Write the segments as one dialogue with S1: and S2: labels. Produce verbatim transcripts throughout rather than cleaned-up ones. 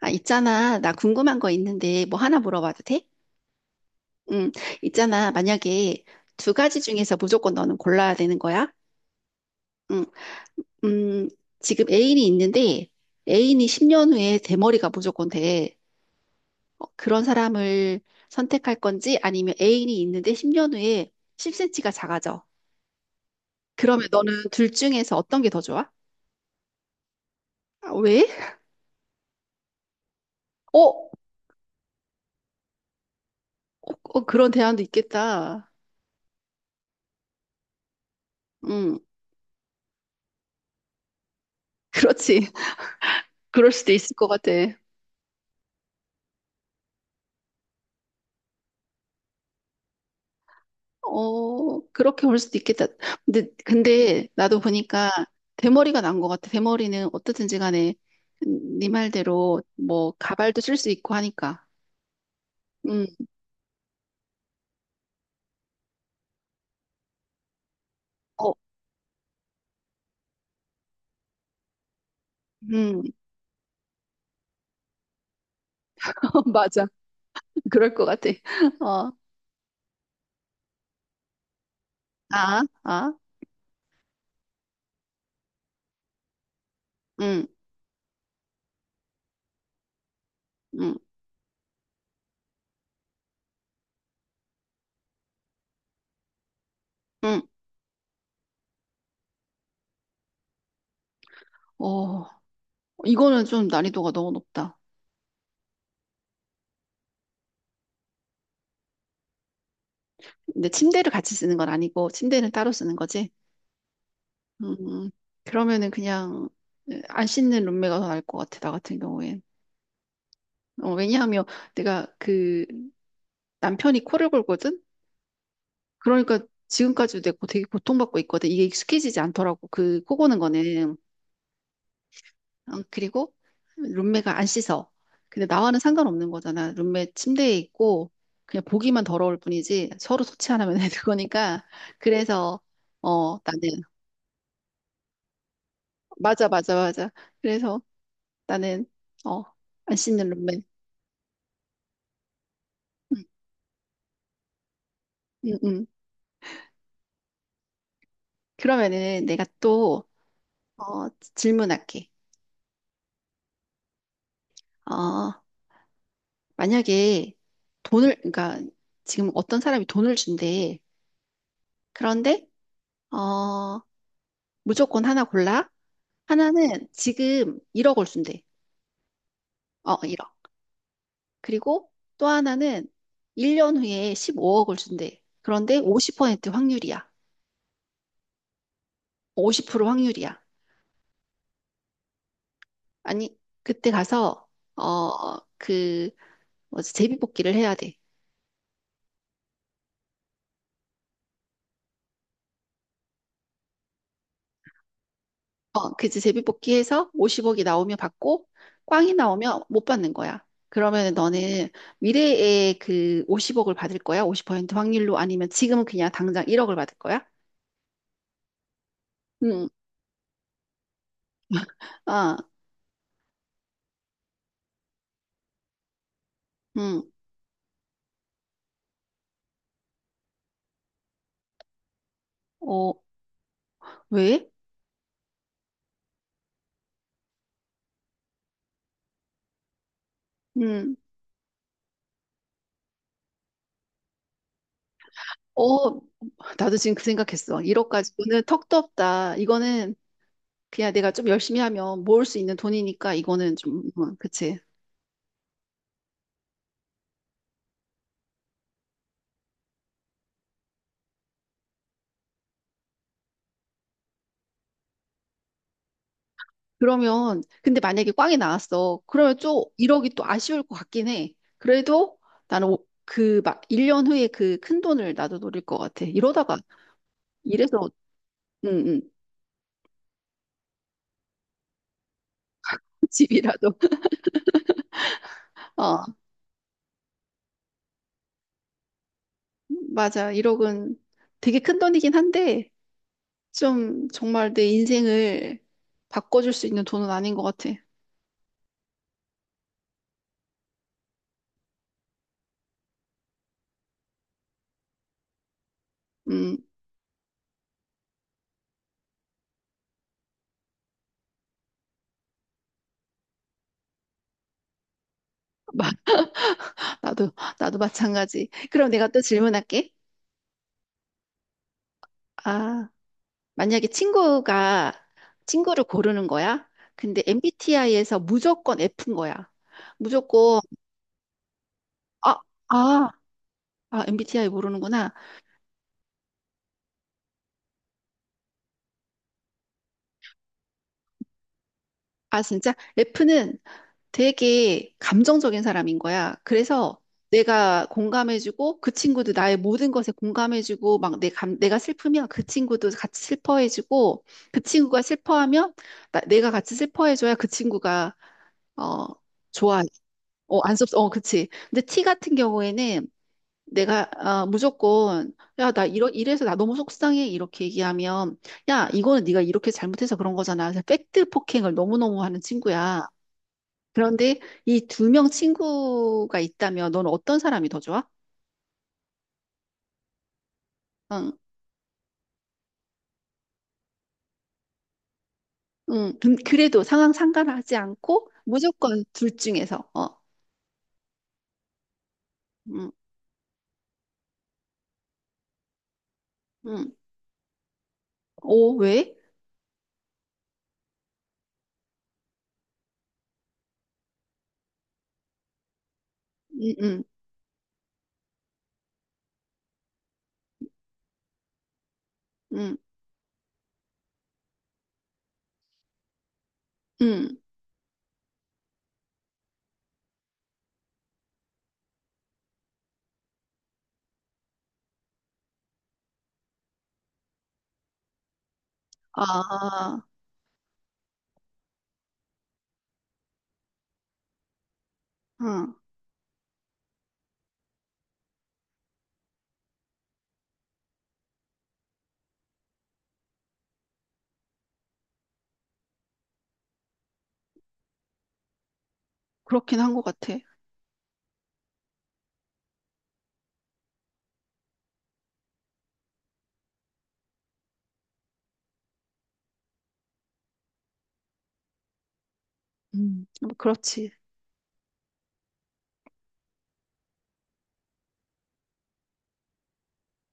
S1: 아, 있잖아. 나 궁금한 거 있는데 뭐 하나 물어봐도 돼? 응, 있잖아. 만약에 두 가지 중에서 무조건 너는 골라야 되는 거야? 응, 음, 지금 애인이 있는데 애인이 십 년 후에 대머리가 무조건 돼. 어, 그런 사람을 선택할 건지 아니면 애인이 있는데 십 년 후에 십 센티미터가 작아져. 그러면 너는 둘 중에서 어떤 게 더 좋아? 아, 왜? 어, 어, 어, 그런 대안도 있겠다. 응, 그렇지. 그럴 수도 있을 것 같아. 어, 그렇게 볼 수도 있겠다. 근데, 근데 나도 보니까 대머리가 난 것 같아. 대머리는 어떻든지 간에 네 말대로 뭐 가발도 쓸 수 있고 하니까. 음, 어, 음, 맞아. 그럴 것 같아. 어, 아, 아, 음, 음, 음. 어, 이거는 좀 난이도가 너무 높다. 근데 침대를 같이 쓰는 건 아니고 침대는 따로 쓰는 거지. 음, 그러면은 그냥 안 씻는 룸메가 더 나을 것 같아. 나 같은 경우엔. 어, 왜냐하면 내가 그 남편이 코를 골거든? 그러니까 지금까지도 내가 되게 고통받고 있거든. 이게 익숙해지지 않더라고. 그 코 고는 거는. 어, 그리고 룸메가 안 씻어. 근데 나와는 상관없는 거잖아. 룸메 침대에 있고 그냥 보기만 더러울 뿐이지 서로 소치 안 하면 되는 거니까. 그래서 어, 나는 맞아, 맞아, 맞아. 그래서 나는 어, 안 씻는 룸메. 응, 응, 응. 그러면은 내가 또 어, 질문할게. 어, 만약에 돈을, 그러니까 지금 어떤 사람이 돈을 준대. 그런데, 어, 무조건 하나 골라. 하나는 지금 일억을 준대. 어, 일억 그리고 또 하나는 일 년 후에 십오억을 준대. 그런데 오십 퍼센트 확률이야. 오십 퍼센트 확률이야. 아니, 그때 가서, 어, 그, 뭐지, 제비뽑기를 해야 돼. 어, 그치. 제비뽑기 해서 오십억이 나오면 받고, 꽝이 나오면 못 받는 거야. 그러면 너는 미래에 그 오십억을 받을 거야? 오십 퍼센트 확률로? 아니면 지금은 그냥 당장 일억을 받을 거야? 음, 아, 음, 어, 왜? 음, 어, 나도 지금 그 생각했어. 일억 가지고는 턱도 없다. 이거는 그냥 내가 좀 열심히 하면 모을 수 있는 돈이니까 이거는 좀, 음, 그치. 그러면, 근데 만약에 꽝이 나왔어. 그러면 좀 일억이 또 아쉬울 것 같긴 해. 그래도 나는 오- 그 막, 일 년 후에 그 큰 돈을 나도 노릴 것 같아. 이러다가, 이래서, 응, 응, 집이라도. 어, 맞아. 일억은 되게 큰 돈이긴 한데, 좀 정말 내 인생을 바꿔줄 수 있는 돈은 아닌 것 같아. 음, 마- 나도, 나도 마찬가지. 그럼 내가 또 질문할게. 아. 만약에 친구가 친구를 고르는 거야? 근데 엠비티아이에서 무조건 F인 거야. 무조건 아, 아, 아, 엠비티아이 모르는구나. 아, 진짜 F는 되게 감정적인 사람인 거야. 그래서 내가 공감해주고 그 친구도 나의 모든 것에 공감해주고 막 내 감, 내가 슬프면 그 친구도 같이 슬퍼해주고 그 친구가 슬퍼하면 나- 내가 같이 슬퍼해줘야 그 친구가 어 좋아. 어, 안 섭, 어, 그치. 근데 T 같은 경우에는 내가 아, 무조건 야, 나 이러 이래서 나 너무 속상해 이렇게 얘기하면 야, 이거는 네가 이렇게 잘못해서 그런 거잖아. 그래서 팩트 폭행을 너무너무 하는 친구야. 그런데 이 두 명 친구가 있다면 넌 어떤 사람이 더 좋아? 응. 응. 근- 그래도 상황 상관하지 않고 무조건 둘 중에서 어. 응. 응. 오, 왜? 응, 응. 응. 응. 아. 응. 그렇긴 한 것 같아. 음, 뭐 그렇지.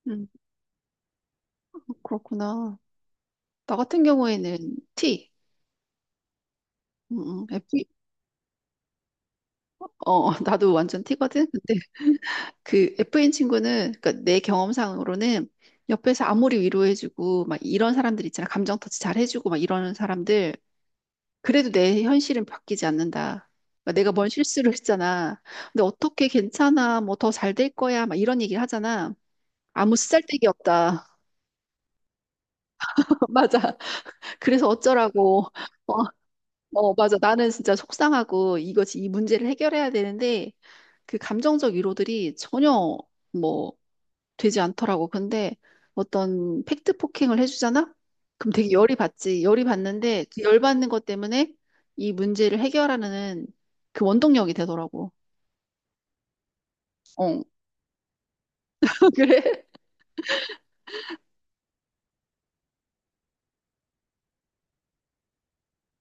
S1: 음, 뭐 그렇구나. 나 같은 경우에는 T. 음, 음, F. 어, 나도 완전 T거든. 근데 그 F인 친구는 그러니까 내 경험상으로는 옆에서 아무리 위로해주고 막 이런 사람들 있잖아. 감정 터치 잘 해주고 막 이러는 사람들. 그래도 내 현실은 바뀌지 않는다. 그러니까 내가 뭔 실수를 했잖아. 근데 어떻게 괜찮아? 뭐 더 잘 될 거야? 막 이런 얘기를 하잖아. 아무 쓰잘데기 없다. 맞아. 그래서 어쩌라고. 어. 어, 맞아. 나는 진짜 속상하고 이것이 이 문제를 해결해야 되는데 그 감정적 위로들이 전혀 뭐 되지 않더라고. 근데 어떤 팩트 폭행을 해주잖아? 그럼 되게 열이 받지. 열이 받는데 그 열 받는 것 때문에 이 문제를 해결하는 그 원동력이 되더라고. 어, 그래?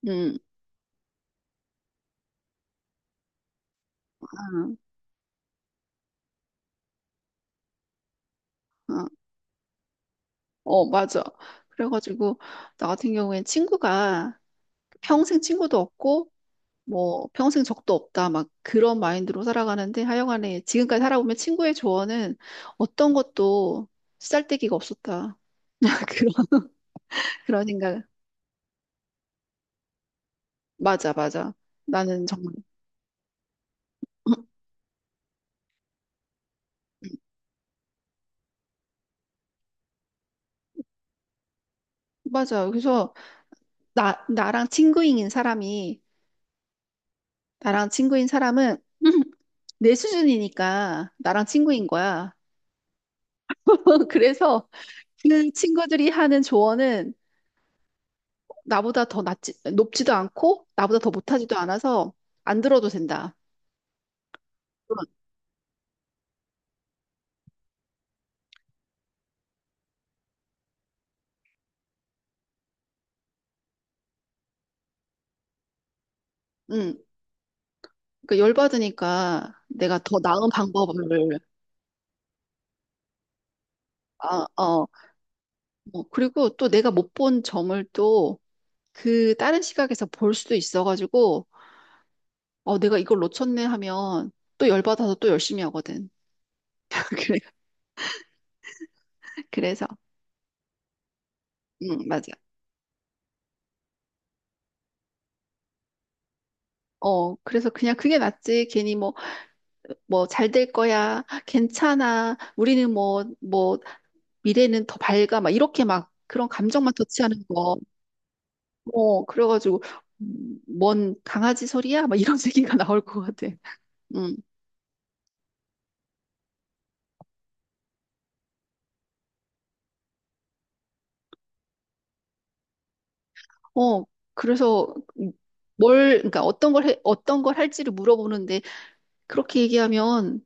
S1: 응, 응, 응. 어, 맞아. 그래가지고 나 같은 경우엔 친구가 평생 친구도 없고 뭐 평생 적도 없다 막 그런 마인드로 살아가는데 하여간에 지금까지 살아보면 친구의 조언은 어떤 것도 쓰잘데기가 없었다. 그런 그런 생각. 맞아, 맞아. 나는 정말 맞아. 그래서 나 나랑 친구인 사람이 나랑 친구인 사람은 내 수준이니까 나랑 친구인 거야. 그래서 그 친구들이 하는 조언은 나보다 더 낮지, 높지도 않고 나보다 더 못하지도 않아서 안 들어도 된다. 응, 그 열받으니까 내가 더 나은 방법을, 아, 어, 뭐, 그리고 또 내가 못 본 점을 또 그 다른 시각에서 볼 수도 있어가지고, 어, 내가 이걸 놓쳤네 하면 또 열받아서 또 열심히 하거든. 그래, 그래서, 응, 맞아. 어, 그래서 그냥 그게 낫지. 괜히 뭐, 뭐, 잘 될 거야. 괜찮아. 우리는 뭐, 뭐, 미래는 더 밝아. 막 이렇게 막 그런 감정만 터치하는 거. 어, 그래가지고, 음, 뭔 강아지 소리야? 막 이런 얘기가 나올 것 같아. 음, 어, 그래서 뭘, 그러니까 어떤 걸 해, 어떤 걸 할지를 물어보는데, 그렇게 얘기하면,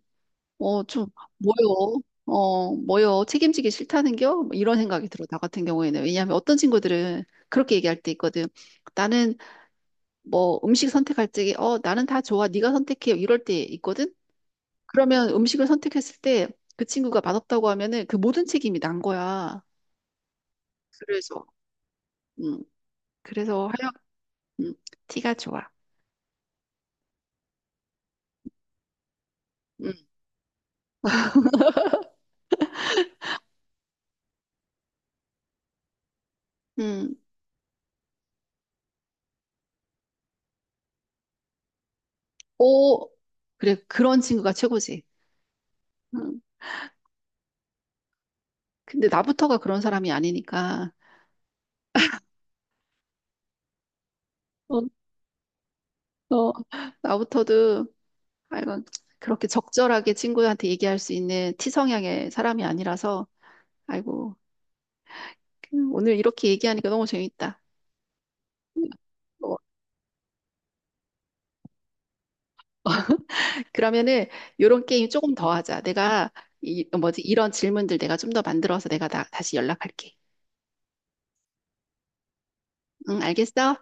S1: 어, 좀, 뭐요? 어, 뭐요? 책임지기 싫다는겨? 뭐 이런 생각이 들어, 나 같은 경우에는. 왜냐하면 어떤 친구들은 그렇게 얘기할 때 있거든. 나는 뭐 음식 선택할 적에, 어, 나는 다 좋아. 네가 선택해. 이럴 때 있거든? 그러면 음식을 선택했을 때, 그 친구가 맛없다고 하면은 그 모든 책임이 난 거야. 그래서, 음, 그래서 하여, 음, 티가 좋아. 음, 음, 오, 그래, 그런 친구가 최고지. 음, 근데 나부터가 그런 사람이 아니니까, 어, 어, 나부터도, 아이고, 그렇게 적절하게 친구한테 얘기할 수 있는 티 성향의 사람이 아니라서, 아이고, 음, 오늘 이렇게 얘기하니까 너무 재밌다. 음, 어, 그러면은, 요런 게임 조금 더 하자. 내가, 이, 뭐지, 이런 질문들 내가 좀 더 만들어서 내가 나, 다시 연락할게. 응, 알겠어?